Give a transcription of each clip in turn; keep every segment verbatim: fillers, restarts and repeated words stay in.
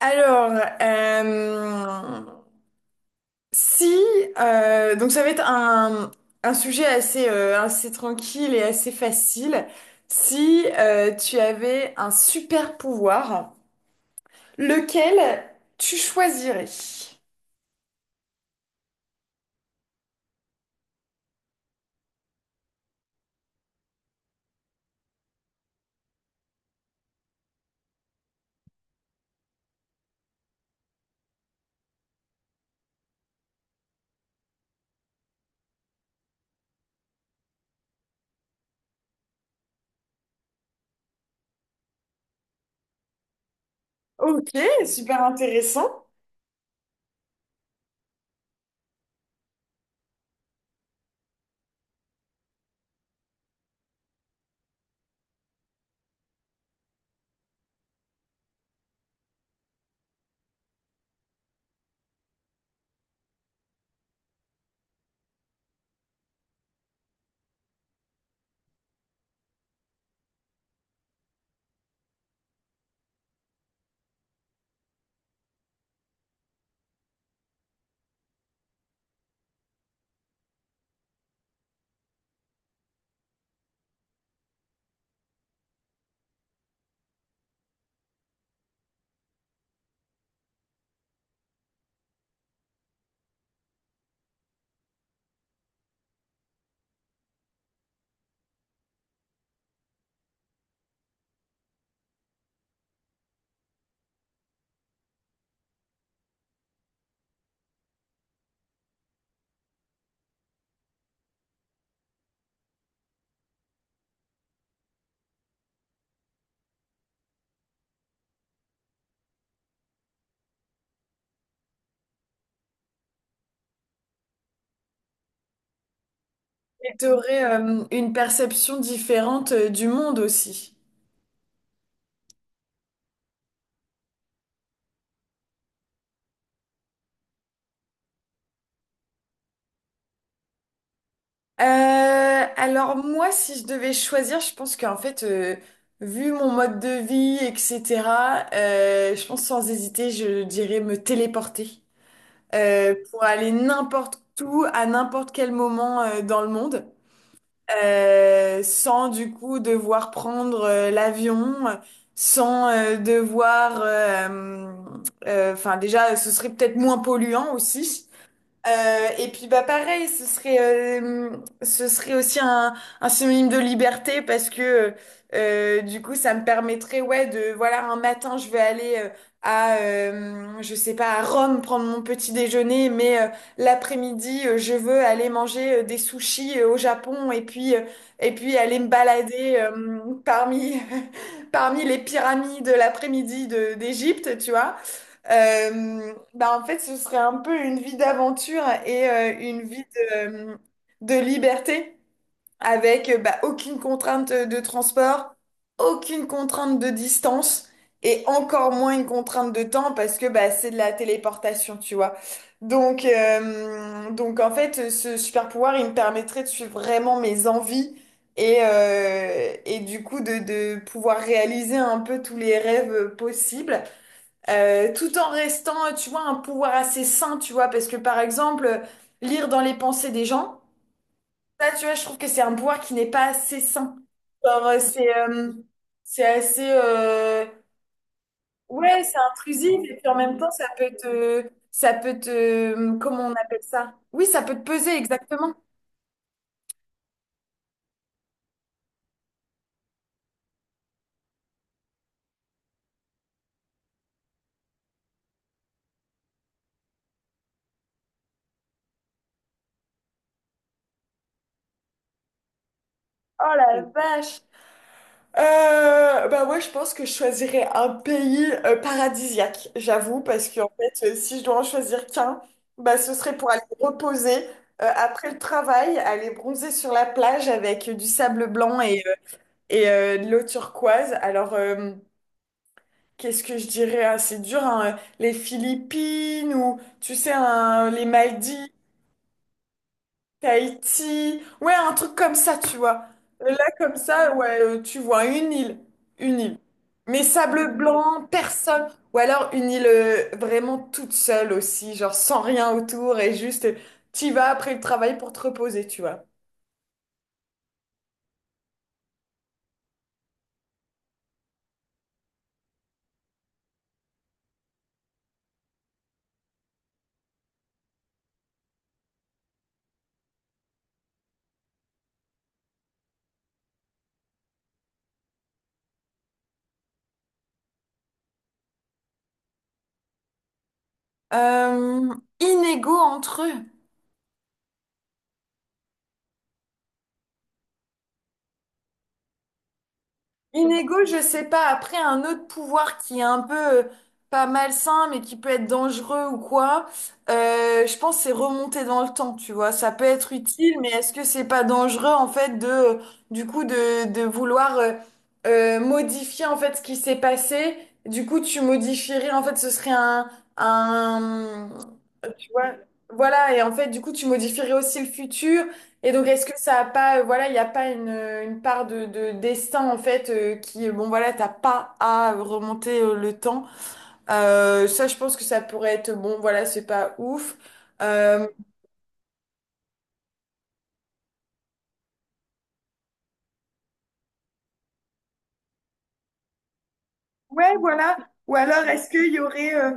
Alors, euh, si, euh, donc ça va être un, un sujet assez, euh, assez tranquille et assez facile. Si euh, tu avais un super pouvoir, lequel tu choisirais? Ok, super intéressant. Et tu aurais une perception différente euh, du monde aussi. Euh, alors moi, si je devais choisir, je pense qu'en fait, euh, vu mon mode de vie, et cetera, euh, je pense sans hésiter, je dirais me téléporter euh, pour aller n'importe où, à n'importe quel moment euh, dans le monde, euh, sans du coup devoir prendre euh, l'avion, sans euh, devoir... euh, euh, Enfin déjà, ce serait peut-être moins polluant aussi. Euh, et puis bah pareil, ce serait euh, ce serait aussi un, un synonyme de liberté parce que euh, du coup ça me permettrait ouais de voilà un matin je vais aller euh, à euh, je sais pas à Rome prendre mon petit déjeuner mais euh, l'après-midi euh, je veux aller manger euh, des sushis euh, au Japon et puis euh, et puis aller me balader euh, parmi parmi les pyramides l'après-midi de- d'Égypte, tu vois. Euh, bah en fait, ce serait un peu une vie d'aventure et euh, une vie de, euh, de liberté avec euh, bah, aucune contrainte de transport, aucune contrainte de distance et encore moins une contrainte de temps parce que bah, c'est de la téléportation, tu vois. Donc, euh, donc en fait, ce super pouvoir, il me permettrait de suivre vraiment mes envies et, euh, et du coup de, de pouvoir réaliser un peu tous les rêves possibles. Euh, tout en restant, tu vois, un pouvoir assez sain, tu vois, parce que par exemple, euh, lire dans les pensées des gens, ça, tu vois, je trouve que c'est un pouvoir qui n'est pas assez sain. Genre, euh, c'est euh, c'est assez, euh, ouais, c'est intrusif, et puis en même temps, ça peut te, ça peut te, comment on appelle ça? Oui, ça peut te peser, exactement. Oh la vache! Euh, bah ouais, je pense que je choisirais un pays euh, paradisiaque, j'avoue, parce que en fait, euh, si je dois en choisir qu'un, bah ce serait pour aller me reposer euh, après le travail, aller bronzer sur la plage avec euh, du sable blanc et, euh, et euh, de l'eau turquoise. Alors, euh, qu'est-ce que je dirais? Ah, c'est dur, hein, euh, les Philippines ou tu sais, un- les Maldives, Tahiti, ouais, un truc comme ça, tu vois. Euh, Là, comme ça, ouais, euh, tu vois une île, une île. Mais sable blanc, personne. Ou alors une île euh, vraiment toute seule aussi, genre sans rien autour et juste euh, t'y vas après le travail pour te reposer, tu vois. Euh, inégaux entre eux. Une je sais pas. Après, un autre pouvoir qui est un peu euh, pas malsain, mais qui peut être dangereux ou quoi, euh, je pense que c'est remonter dans le temps, tu vois. Ça peut être utile, mais est-ce que c'est pas dangereux, en fait, de, euh, du coup, de, de vouloir euh, euh, modifier, en fait, ce qui s'est passé? Du coup, tu modifierais, en fait, ce serait un, un, Ouais, voilà, et en fait, du coup, tu modifierais aussi le futur. Et donc, est-ce que ça a pas, euh, voilà, il n'y a pas une, euh, une part de, de destin, en fait, euh, qui, euh, bon, voilà, t'as pas à remonter euh, le temps. Euh, ça, je pense que ça pourrait être, bon, voilà, c'est pas ouf. Euh, ouais, voilà. Ou alors, est-ce qu'il y aurait euh,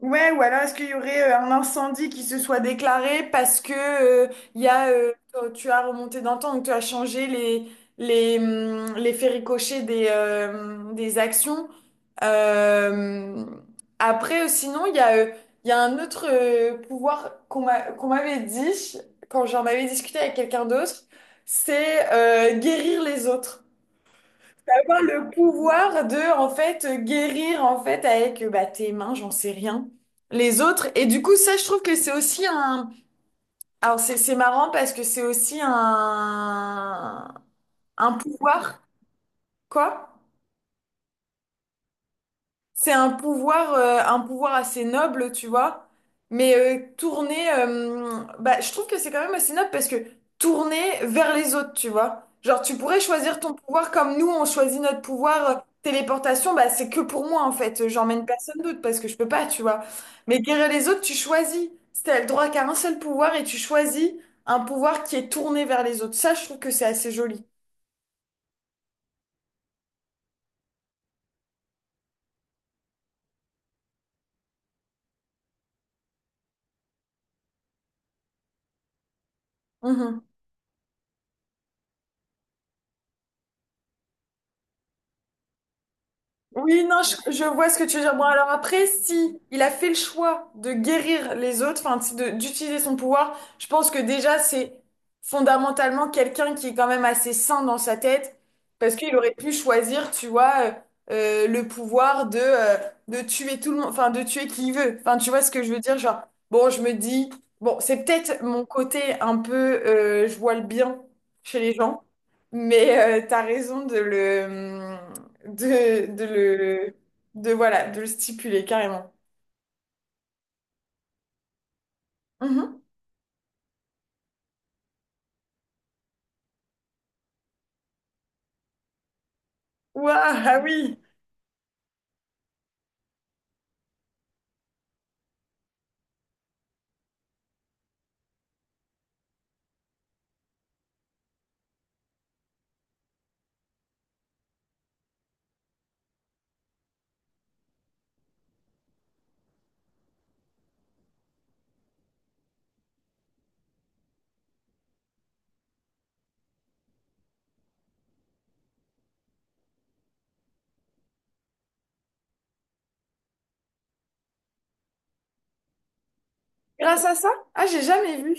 ouais, ou alors est-ce qu'il y aurait euh, un incendie qui se soit déclaré parce que euh, il y a, euh, tu as remonté dans le temps, donc tu as changé les, les, hum, les faits ricochets des, euh, des actions. Euh, Après, euh, sinon, il y a, euh, il y a un autre euh, pouvoir qu'on m'a- qu'on m'avait dit quand j'en avais discuté avec quelqu'un d'autre, c'est euh, guérir les autres. Avoir le pouvoir de en fait guérir en fait avec bah, tes mains, j'en sais rien, les autres. Et du coup, ça, je trouve que c'est aussi un. Alors c'est c'est marrant parce que c'est aussi un un pouvoir quoi? C'est un pouvoir, euh, un pouvoir assez noble, tu vois. Mais euh, tourner, euh, bah, je trouve que c'est quand même assez noble parce que tourner vers les autres, tu vois. Genre, tu pourrais choisir ton pouvoir comme nous, on choisit notre pouvoir euh, téléportation, bah, c'est que pour moi, en fait. J'emmène personne d'autre parce que je peux pas, tu vois. Mais guérir les autres, tu choisis. Si t'as le droit qu'à un seul pouvoir et tu choisis un pouvoir qui est tourné vers les autres. Ça, je trouve que c'est assez joli. Mhm. Oui, non, je, je vois ce que tu veux dire. Bon, alors après, si il a fait le choix de guérir les autres, enfin, si de- d'utiliser son pouvoir, je pense que déjà, c'est fondamentalement quelqu'un qui est quand même assez sain dans sa tête, parce qu'il aurait pu choisir, tu vois, euh, euh, le pouvoir de, euh, de tuer tout le monde, enfin, de tuer qui il veut. Enfin, tu vois ce que je veux dire? Genre, bon, je me dis, bon, c'est peut-être mon côté un peu, euh, je vois le bien chez les gens. Mais euh, t'as raison de le, hum, de, de le de voilà de le stipuler carrément. Mhm. Ouah, ah oui. Grâce à ça? Ah, j'ai jamais vu.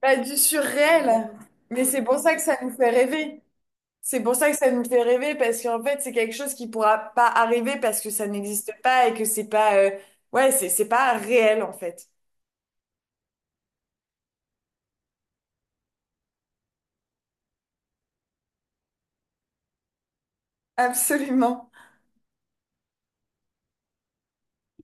Bah, du surréel. Mais c'est pour ça que ça nous fait rêver. C'est pour ça que ça nous fait rêver parce qu'en fait, c'est quelque chose qui pourra pas arriver parce que ça n'existe pas et que c'est pas euh, ouais, c'est c'est pas réel en fait. Absolument.